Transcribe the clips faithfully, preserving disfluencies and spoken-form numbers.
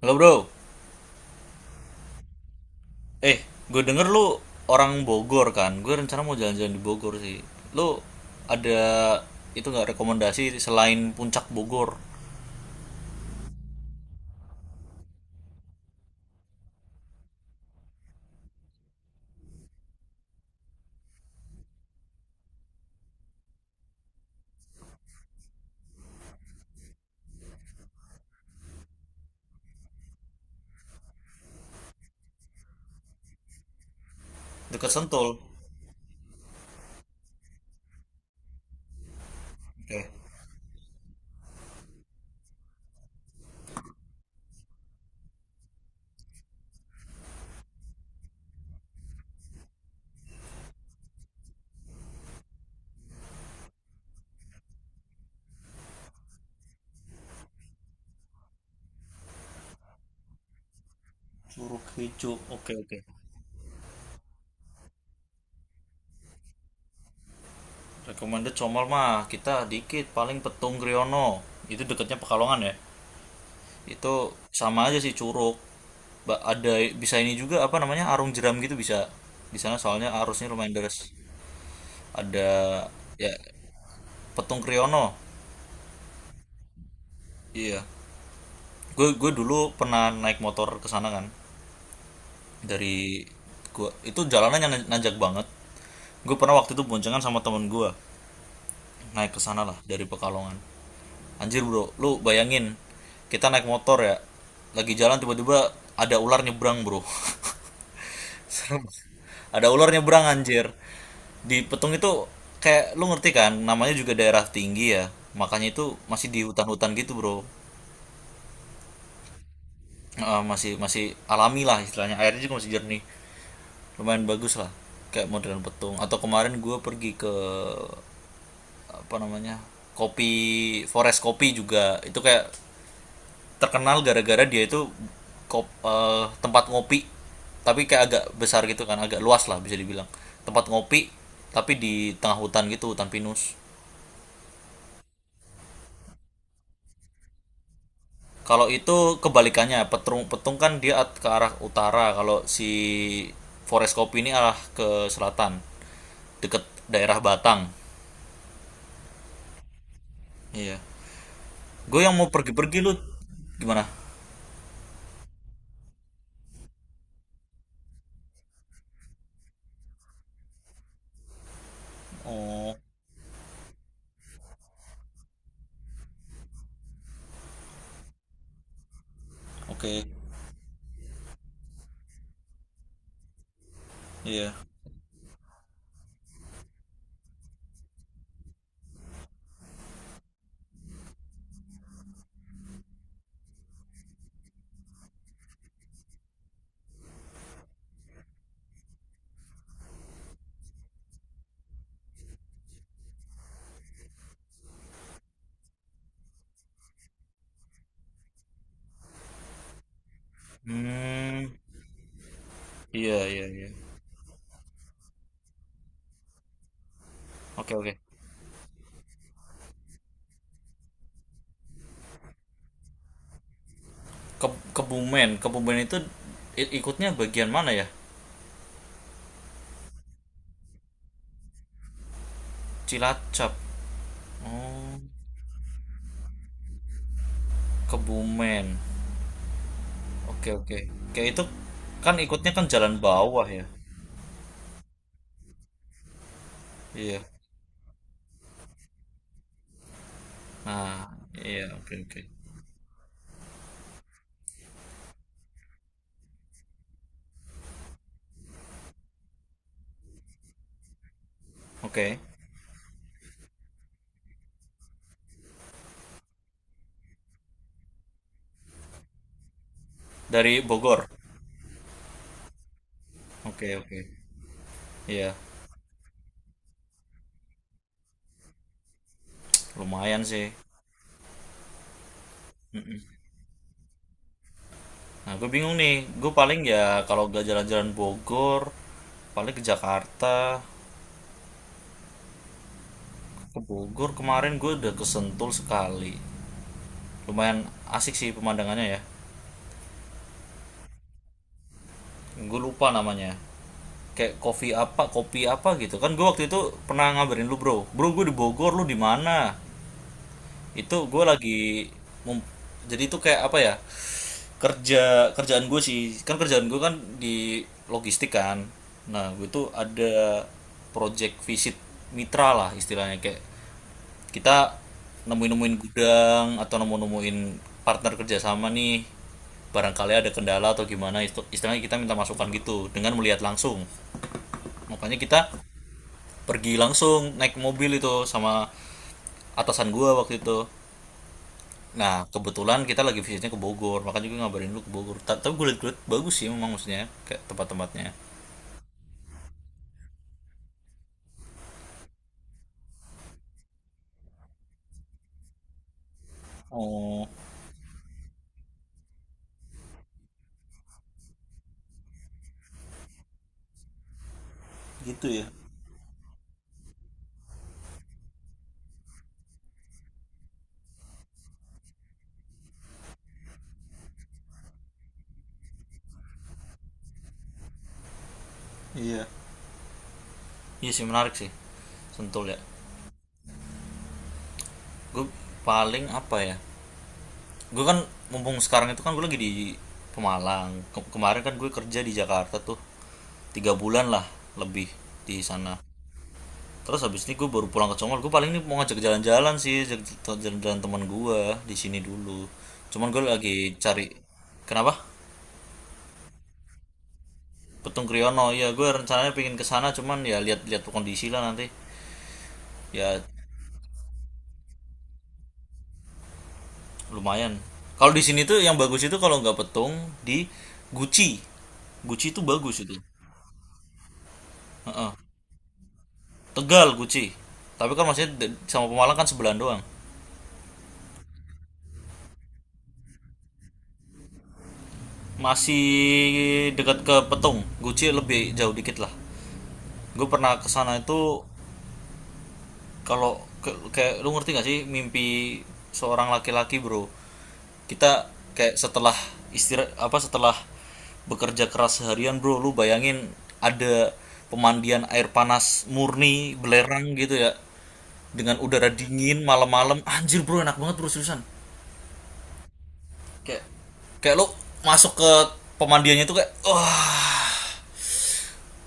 Halo bro. Eh gue denger lu orang Bogor kan, gue rencana mau jalan-jalan di Bogor sih. Lu ada itu nggak rekomendasi selain Puncak Bogor dekat Sentul? Oke. Curug Hijau, oke oke. Recommended Comal mah kita dikit paling Petung Kriono, itu dekatnya Pekalongan ya. Itu sama aja sih Curug. Ba- ada bisa ini juga apa namanya arung jeram gitu, bisa di sana soalnya arusnya lumayan deras. Ada ya Petung Kriono. Iya. gue gue dulu pernah naik motor ke sana kan, dari. Gue itu jalanannya nan- nanjak banget. Gue pernah waktu itu boncengan sama temen gue, naik ke sana lah dari Pekalongan. Anjir bro, lu bayangin, kita naik motor ya lagi jalan, tiba-tiba ada ular nyebrang bro. Serem. Ada ular nyebrang anjir, di Petung itu. Kayak lu ngerti kan, namanya juga daerah tinggi ya, makanya itu masih di hutan-hutan gitu bro. Eh, masih masih alami lah istilahnya, airnya juga masih jernih, lumayan bagus lah. Kayak modern petung, atau kemarin gue pergi ke, apa namanya, kopi, forest kopi juga. Itu kayak terkenal gara-gara dia itu kop, eh, tempat ngopi, tapi kayak agak besar gitu kan, agak luas lah bisa dibilang. Tempat ngopi tapi di tengah hutan gitu, hutan pinus. Kalau itu kebalikannya petung, petung kan dia ke arah utara, kalau si forest kopi ini arah ke selatan, deket daerah Batang. Iya. Gue yang mau pergi-pergi, lu gimana? Oh, oke. Iya. Hmm, iya iya iya. Oke oke. Ke Kebumen, Kebumen itu i- ikutnya bagian mana ya? Cilacap. Oh, Kebumen. Oke oke. Kayak itu kan ikutnya kan jalan bawah ya. Iya. Nah, iya, oke oke. Oke. Dari Bogor. Oke oke. Iya, lumayan sih. Mm Nah, gue bingung nih. Gue paling ya kalau gak jalan-jalan Bogor, paling ke Jakarta, ke Bogor. Kemarin gue udah ke Sentul sekali. Lumayan asik sih pemandangannya ya. Gue lupa namanya. Kayak kopi apa, kopi apa gitu. Kan gue waktu itu pernah ngabarin lu, Bro. Bro, gue di Bogor, lu di mana? Itu gue lagi mem- jadi itu kayak apa ya? Kerja kerjaan gue sih, kan kerjaan gue kan di logistik kan. Nah, gue tuh ada project visit mitra lah istilahnya, kayak kita nemuin-nemuin gudang atau nemu-nemuin partner kerjasama nih, barangkali ada kendala atau gimana istu- istilahnya, kita minta masukan gitu dengan melihat langsung, makanya kita pergi langsung naik mobil itu sama atasan gue waktu itu. Nah, kebetulan kita lagi visitnya ke Bogor, makanya gue ngabarin lu ke Bogor. Ta- Tapi gue liat-liat bagus sih memang, maksudnya kayak tempat-tempatnya. Oh, gitu ya. Iya. Iya sih menarik sih. Sentul ya. Gue paling apa ya? Gue kan mumpung sekarang itu kan gue lagi di Pemalang. Ke- kemarin kan gue kerja di Jakarta tuh tiga bulan lah lebih di sana. Terus habis ini gue baru pulang ke Congol. Gue paling ini mau ngajak jalan-jalan sih, ngajak jalan-jalan teman gue di sini dulu. Cuman gue lagi cari. Kenapa? Petung Kriyono ya, gue rencananya pingin kesana, cuman ya lihat-lihat kondisi lah nanti ya. Lumayan, kalau di sini tuh yang bagus itu kalau nggak Petung, di Guci. Guci itu bagus itu. Heeh. Tegal Guci, tapi kan masih de- sama Pemalang kan, sebelahan doang. Masih dekat ke Petung, Guci lebih jauh dikit lah, gue pernah kesana itu. Kalau kayak lu ngerti gak sih, mimpi seorang laki-laki bro, kita kayak setelah istirahat apa setelah bekerja keras seharian bro, lu bayangin, ada pemandian air panas murni belerang gitu ya, dengan udara dingin malam-malam, anjir bro enak banget bro, seriusan. Kayak kayak lu masuk ke pemandiannya tuh, kayak wah,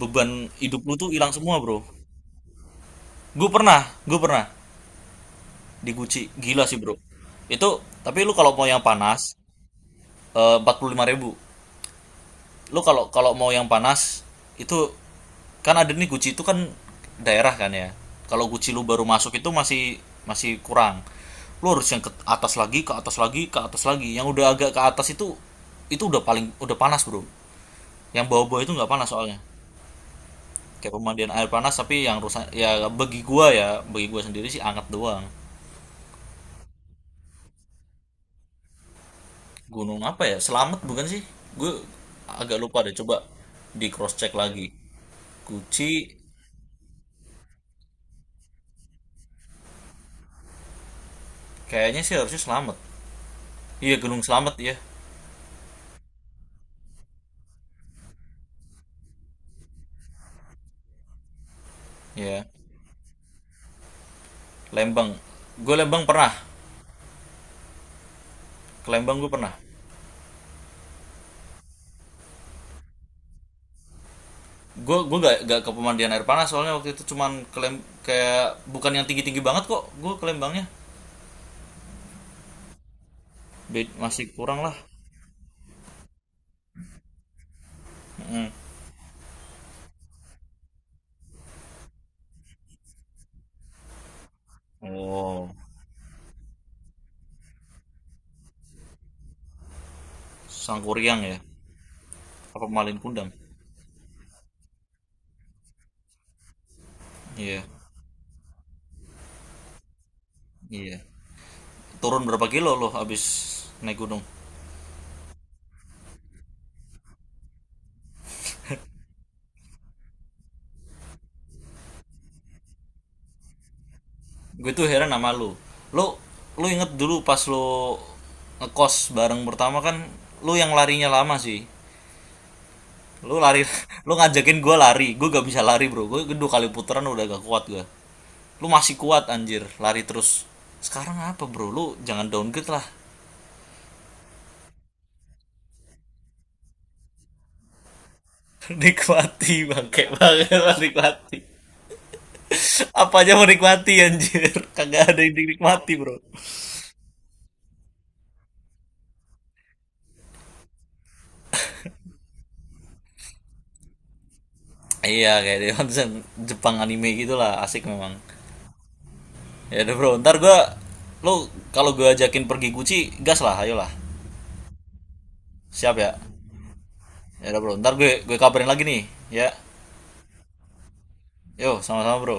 beban hidup lu tuh hilang semua bro. Gue pernah gue pernah di Gucci, gila sih bro. Itu tapi lu kalau mau yang panas, Eh, empat puluh lima ribu. Lu kalau kalau mau yang panas, itu kan ada nih Guci itu kan, daerah kan ya. Kalau Guci lu baru masuk itu masih masih kurang, lu harus yang ke atas lagi, ke atas lagi, ke atas lagi. Yang udah agak ke atas itu itu udah paling udah panas bro, yang bawah-bawah itu nggak panas soalnya. Kayak pemandian air panas tapi yang rusak, ya bagi gua ya, bagi gua sendiri sih anget doang. Gunung apa ya, Selamat bukan sih, gua agak lupa deh, coba di cross check lagi. Guci. Kayaknya sih harusnya Slamet. Iya, Gunung Slamet ya. Ya. Lembang. Gue Lembang pernah. Ke Lembang gue pernah. Gue gue gak, gak ke pemandian air panas soalnya waktu itu cuman ke Lem- kayak bukan yang tinggi-tinggi banget kok. Gue ke Lembangnya. Be- masih kurang lah. Oh, Sangkuriang ya. Apa Malin Kundang? Iya. Iya. Turun berapa kilo lo abis naik gunung? Gue tuh heran sama lo. Lo lo inget dulu pas lo ngekos bareng pertama kan, lo yang larinya lama sih. Lu lari, lu ngajakin gue lari. Gue gak bisa lari, Bro. Gue kedua kali putaran udah gak kuat gue. Lu masih kuat anjir, lari terus. Sekarang apa, Bro? Lu jangan downgrade lah. Nikmati bangke banget nikmati. Apa aja mau nikmati anjir. Kagak ada yang dinikmati, Bro. Iya, kayak di Jepang anime gitulah, asik memang. Ya udah, Bro. Ntar gue, lu kalau gue ajakin pergi Gucci, gas lah, ayolah. Siap ya? Ya udah, Bro. Ntar gue gue kabarin lagi nih, ya. Yo, sama-sama, Bro.